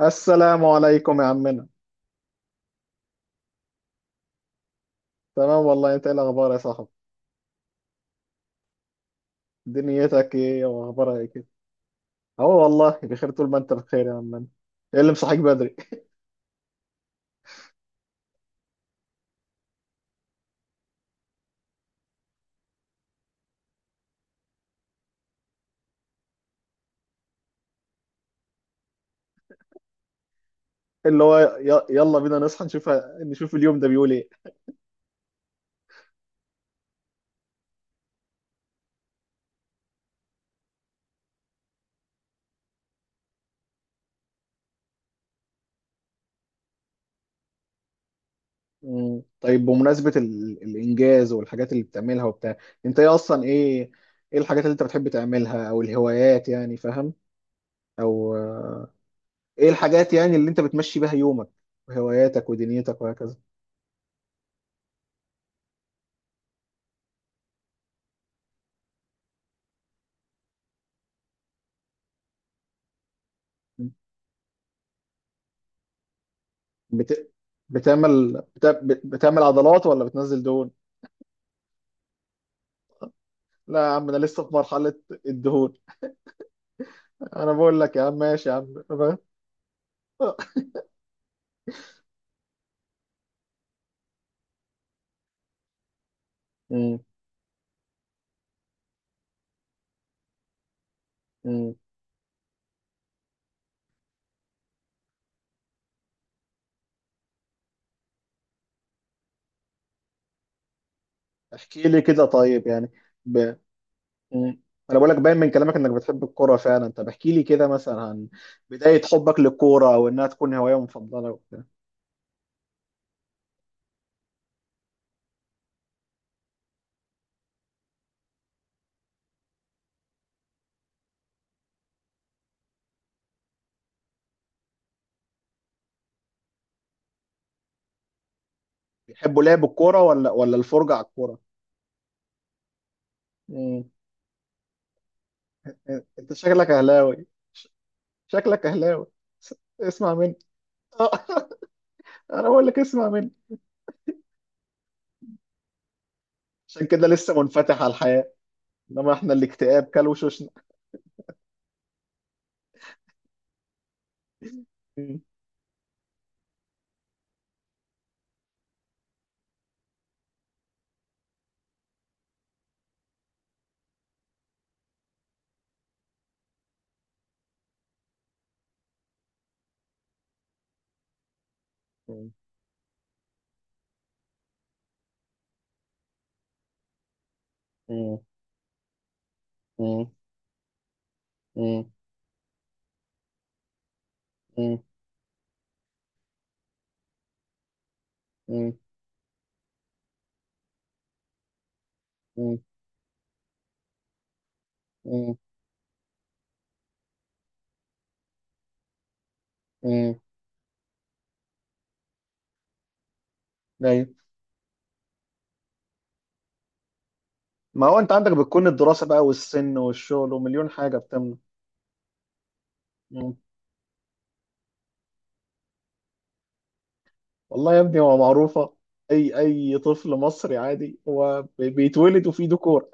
السلام عليكم يا عمنا. تمام والله، انت ايه الاخبار يا صاحبي؟ دنيتك ايه واخبارها ايه كده؟ اهو والله بخير طول ما انت بخير يا عمنا. ايه اللي مصحيك بدري؟ اللي هو يلا بينا نصحى نشوف، نشوف اليوم ده بيقول ايه؟ مم. طيب بمناسبة الانجاز والحاجات اللي بتعملها وبتاع. انت ايه اصلا ايه ايه الحاجات اللي انت بتحب تعملها او الهوايات يعني فاهم، او ايه الحاجات يعني اللي انت بتمشي بيها يومك وهواياتك ودنيتك وهكذا؟ بت... بتعمل عضلات ولا بتنزل دهون؟ لا يا عم، انا لسه في مرحلة الدهون. انا بقول لك يا عم، ماشي يا عم، فاهم؟ مم. مم. احكي لي كده طيب يعني ب... مم. انا بقول لك باين من كلامك انك بتحب الكورة فعلا. طب احكي لي كده مثلا عن بداية حبك للكورة، او انها تكون هواية مفضلة وبتاع. بيحبوا لعب الكورة، ولا الفرجة على الكورة؟ مم. انت شكلك اهلاوي، ش- شكلك اهلاوي، س- اسمع مني. انا بقول لك اسمع مني. عشان كده لسه منفتح على الحياة، انما احنا الاكتئاب كل وشوشنا. مم. مم. مم. مم. مم. مم. مم. مم. مم. مم. ايوه. ما هو انت عندك بتكون الدراسة بقى والسن والشغل ومليون حاجة بتمنع. مم. والله يا ابني، هو معروفة. اي طفل مصري عادي هو بيتولد وفيه ديكور.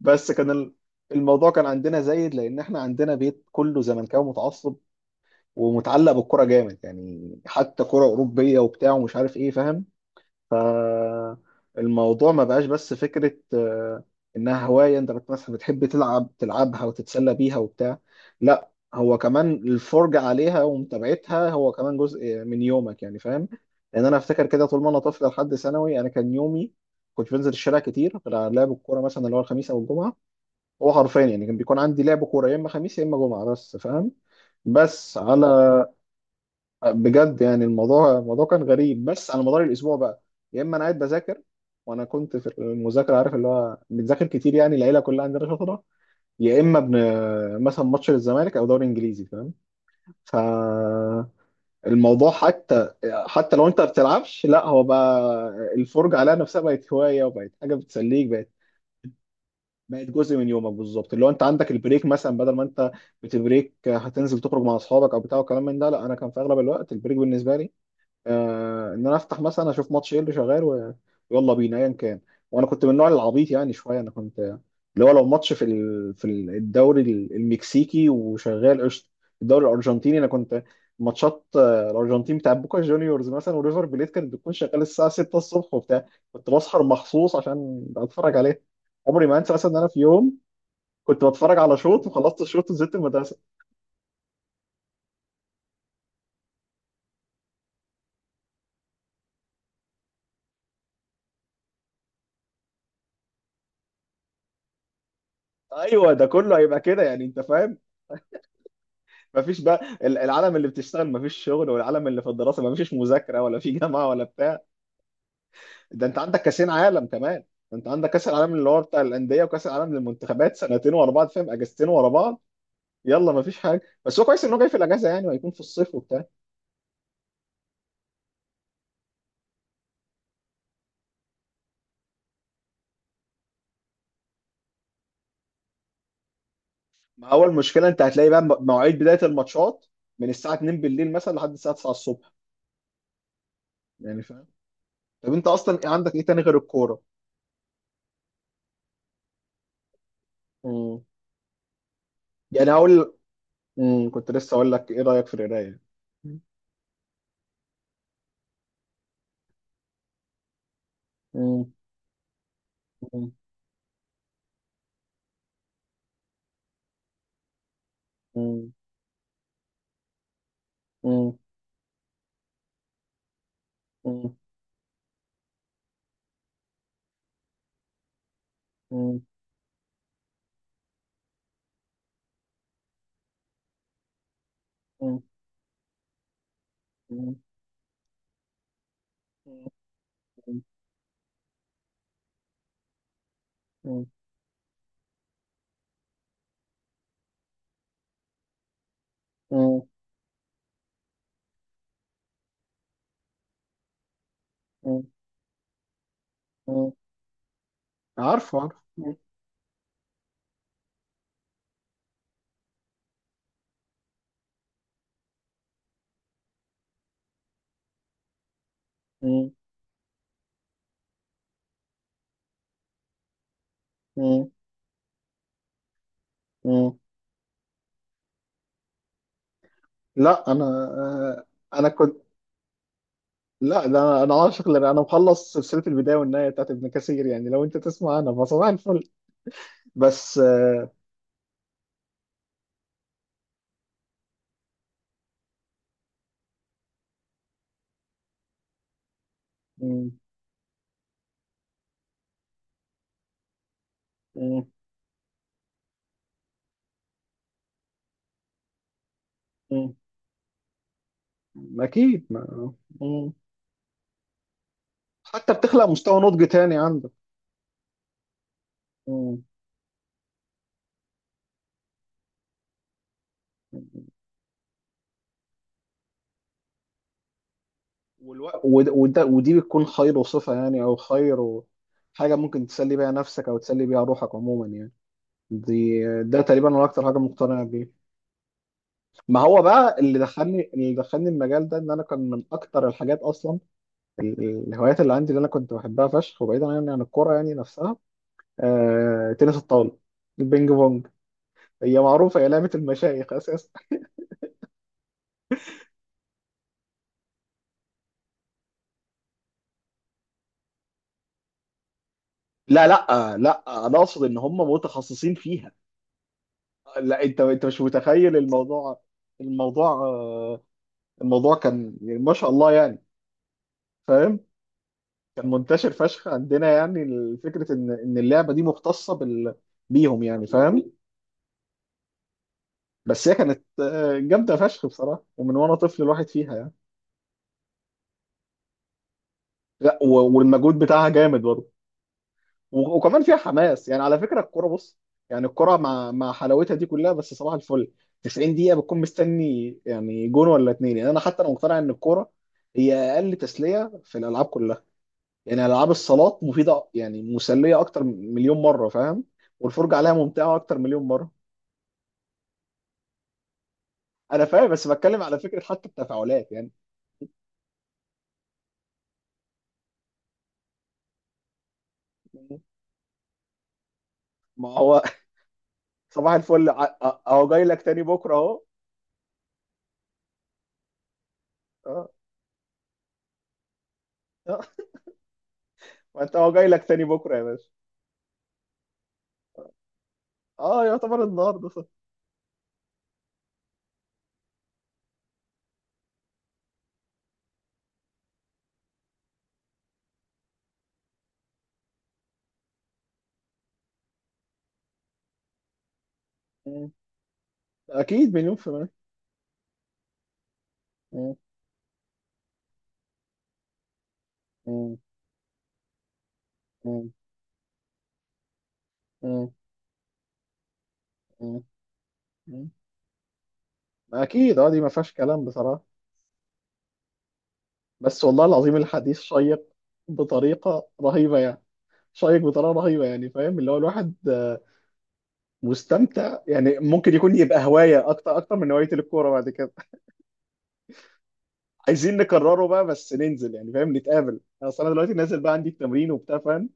بس كان الموضوع كان عندنا زايد، لان احنا عندنا بيت كله زملكاوي متعصب ومتعلق بالكرة جامد، يعني حتى كرة أوروبية وبتاع ومش عارف ايه، فاهم. فالموضوع ما بقاش بس فكرة، إنها هواية أنت مثلا بتحب تلعبها وتتسلى بيها وبتاع. لا، هو كمان الفرجة عليها ومتابعتها هو كمان جزء من يومك يعني، فاهم. لأن أنا أفتكر كده، طول ما أنا طفل لحد ثانوي أنا كان يومي، كنت بنزل الشارع كتير غير على لعب الكورة مثلا اللي هو الخميس أو الجمعة. هو حرفيا يعني كان بيكون عندي لعب كورة يا إما خميس يا إما جمعة بس، فاهم. بس على. بجد يعني الموضوع كان غريب، بس على مدار الاسبوع بقى، يا اما انا قاعد بذاكر. وانا كنت في المذاكره عارف اللي هو بنذاكر كتير يعني العيله كلها عندنا شاطره، يا اما مثلا ماتش للزمالك او دوري انجليزي، فاهم. فالموضوع، حتى حتى لو انت ما بتلعبش لا، هو بقى الفرجه عليها نفسها بقت هوايه وبقت حاجه بتسليك. بقت جزء من يومك بالظبط، اللي هو انت عندك البريك مثلا، بدل ما انت بتبريك هتنزل تخرج مع اصحابك او بتاع وكلام من ده. لا، انا كان في اغلب الوقت البريك بالنسبه لي، ان انا افتح مثلا اشوف ماتش ايه اللي شغال ويلا بينا ايا كان. وانا كنت من النوع العبيط يعني شويه، انا كنت اللي هو لو ماتش في الدوري المكسيكي وشغال قشطه. الدوري الارجنتيني، انا كنت ماتشات الارجنتين بتاع بوكا جونيورز مثلا وريفر بليت كانت بتكون شغاله الساعه 6 الصبح وبتاع. كنت بسهر مخصوص عشان اتفرج عليها. عمري ما انسى مثلا ان انا في يوم كنت بتفرج على شوط، وخلصت الشوط ونزلت المدرسه. ايوه، ده كله هيبقى كده يعني، انت فاهم. مفيش بقى العالم اللي بتشتغل مفيش شغل، والعالم اللي في الدراسه مفيش مذاكره ولا في جامعه ولا بتاع. ده انت عندك كاسين عالم كمان. ده انت عندك كاس العالم اللي هو بتاع الانديه، وكاس العالم للمنتخبات، سنتين ورا بعض فاهم، اجازتين ورا بعض. يلا، مفيش حاجه، بس هو كويس انه جاي في الاجازه يعني، وهيكون في الصيف وبتاع. ما اول مشكله انت هتلاقي بقى مواعيد بدايه الماتشات من الساعه 2 بالليل مثلا لحد الساعه 9 الصبح، يعني فاهم. طب انت اصلا عندك ايه تاني غير الكوره؟ مم. يعني هقول. مم. كنت لسه اقول لك ايه رايك في القرايه؟ مم. مم. مم. مم. مم. مم. مم. مم. مم. مم. مم. عارفه، عارفه. مم. مم. مم. مم. لا انا كنت. لا ده انا عاشق. لأ، انا مخلص سلسله البدايه والنهايه بتاعت ابن كثير، يعني لو انت تسمع، انا فصباح الفل. بس مم. مم. مم. اكيد مم. حتى بتخلق مستوى نضج تاني عندك. مم. والوقت ودي بتكون خير وصفة يعني، أو خير حاجة ممكن تسلي بيها نفسك أو تسلي بيها روحك عموما يعني. ده تقريبا أنا أكتر حاجة مقتنع بيه. ما هو بقى اللي دخلني المجال ده، إن أنا كان من أكتر الحاجات أصلا الهوايات اللي عندي اللي أنا كنت بحبها فشخ، وبعيدا يعني عن الكورة يعني نفسها. تنس الطاولة، البينج بونج، هي معروفة هي لعبة المشايخ أساسا. لا، لا، لا، أنا أقصد إن هم متخصصين فيها. لا، انت مش متخيل الموضوع. الموضوع آه، الموضوع كان يعني ما شاء الله يعني، فاهم. كان منتشر فشخ عندنا يعني، فكرة ان اللعبة دي مختصة بيهم يعني، فاهم. بس هي كانت جامدة فشخ بصراحة، ومن وانا طفل الواحد فيها يعني. لا، والمجهود بتاعها جامد برضه. وكمان فيها حماس يعني، على فكره الكوره بص. يعني الكوره مع حلاوتها دي كلها، بس صباح الفل، 90 دقيقه بتكون مستني يعني جون ولا اتنين، يعني انا، حتى انا مقتنع ان الكوره هي اقل تسليه في الالعاب كلها. يعني العاب الصالات مفيده، يعني مسليه اكتر من مليون مره، فاهم. والفرجه عليها ممتعه اكتر مليون مره. انا فاهم، بس بتكلم على فكره، حتى التفاعلات يعني. ما هو صباح الفل، اهو جاي لك تاني بكره اهو. اه. آه. ما انت اهو جاي لك تاني بكره يا باشا. اه، يعتبر النهارده. صح، اكيد مليون في المية. مم، مم، مم، مم، مم، مم. اكيد اه، دي ما فيهاش كلام بصراحة. بس والله العظيم، الحديث شيق بطريقة رهيبة يعني، شيق بطريقة رهيبة يعني، فاهم اللي هو الواحد مستمتع يعني، ممكن يكون يبقى هواية اكتر اكتر من هواية الكورة بعد كده. عايزين نكرره بقى بس ننزل يعني فاهم، نتقابل. اصل انا دلوقتي نازل بقى عندي التمرين وبتاع فاهم،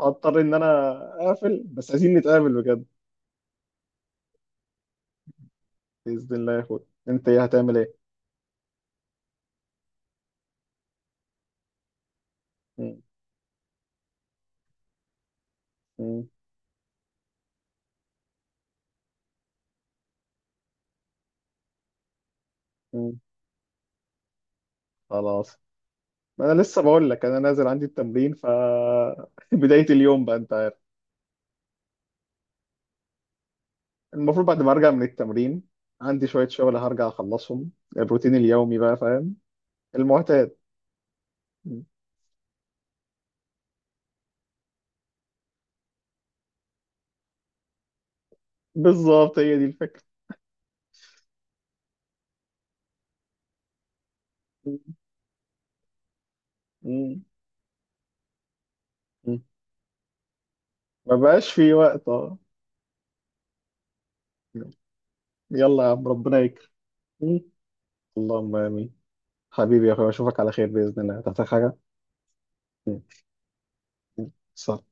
هضطر ان انا اقفل، بس عايزين نتقابل بجد. بإذن الله يا اخويا، انت ايه هتعمل ايه؟ مم، مم، مم. خلاص. ما انا لسه بقول لك، انا نازل عندي التمرين بدايه اليوم بقى انت عارف. المفروض بعد ما ارجع من التمرين، عندي شويه شغل هرجع اخلصهم، الروتين اليومي بقى فاهم، المعتاد. بالظبط، هي دي الفكره. مم. مم. ما بقاش في وقت، اه. يلا يا عم، ربنا يكرم. مم. اللهم امين. حبيبي يا اخويا، اشوفك على خير باذن الله، تحتاج حاجه؟ مم. مم. سلام.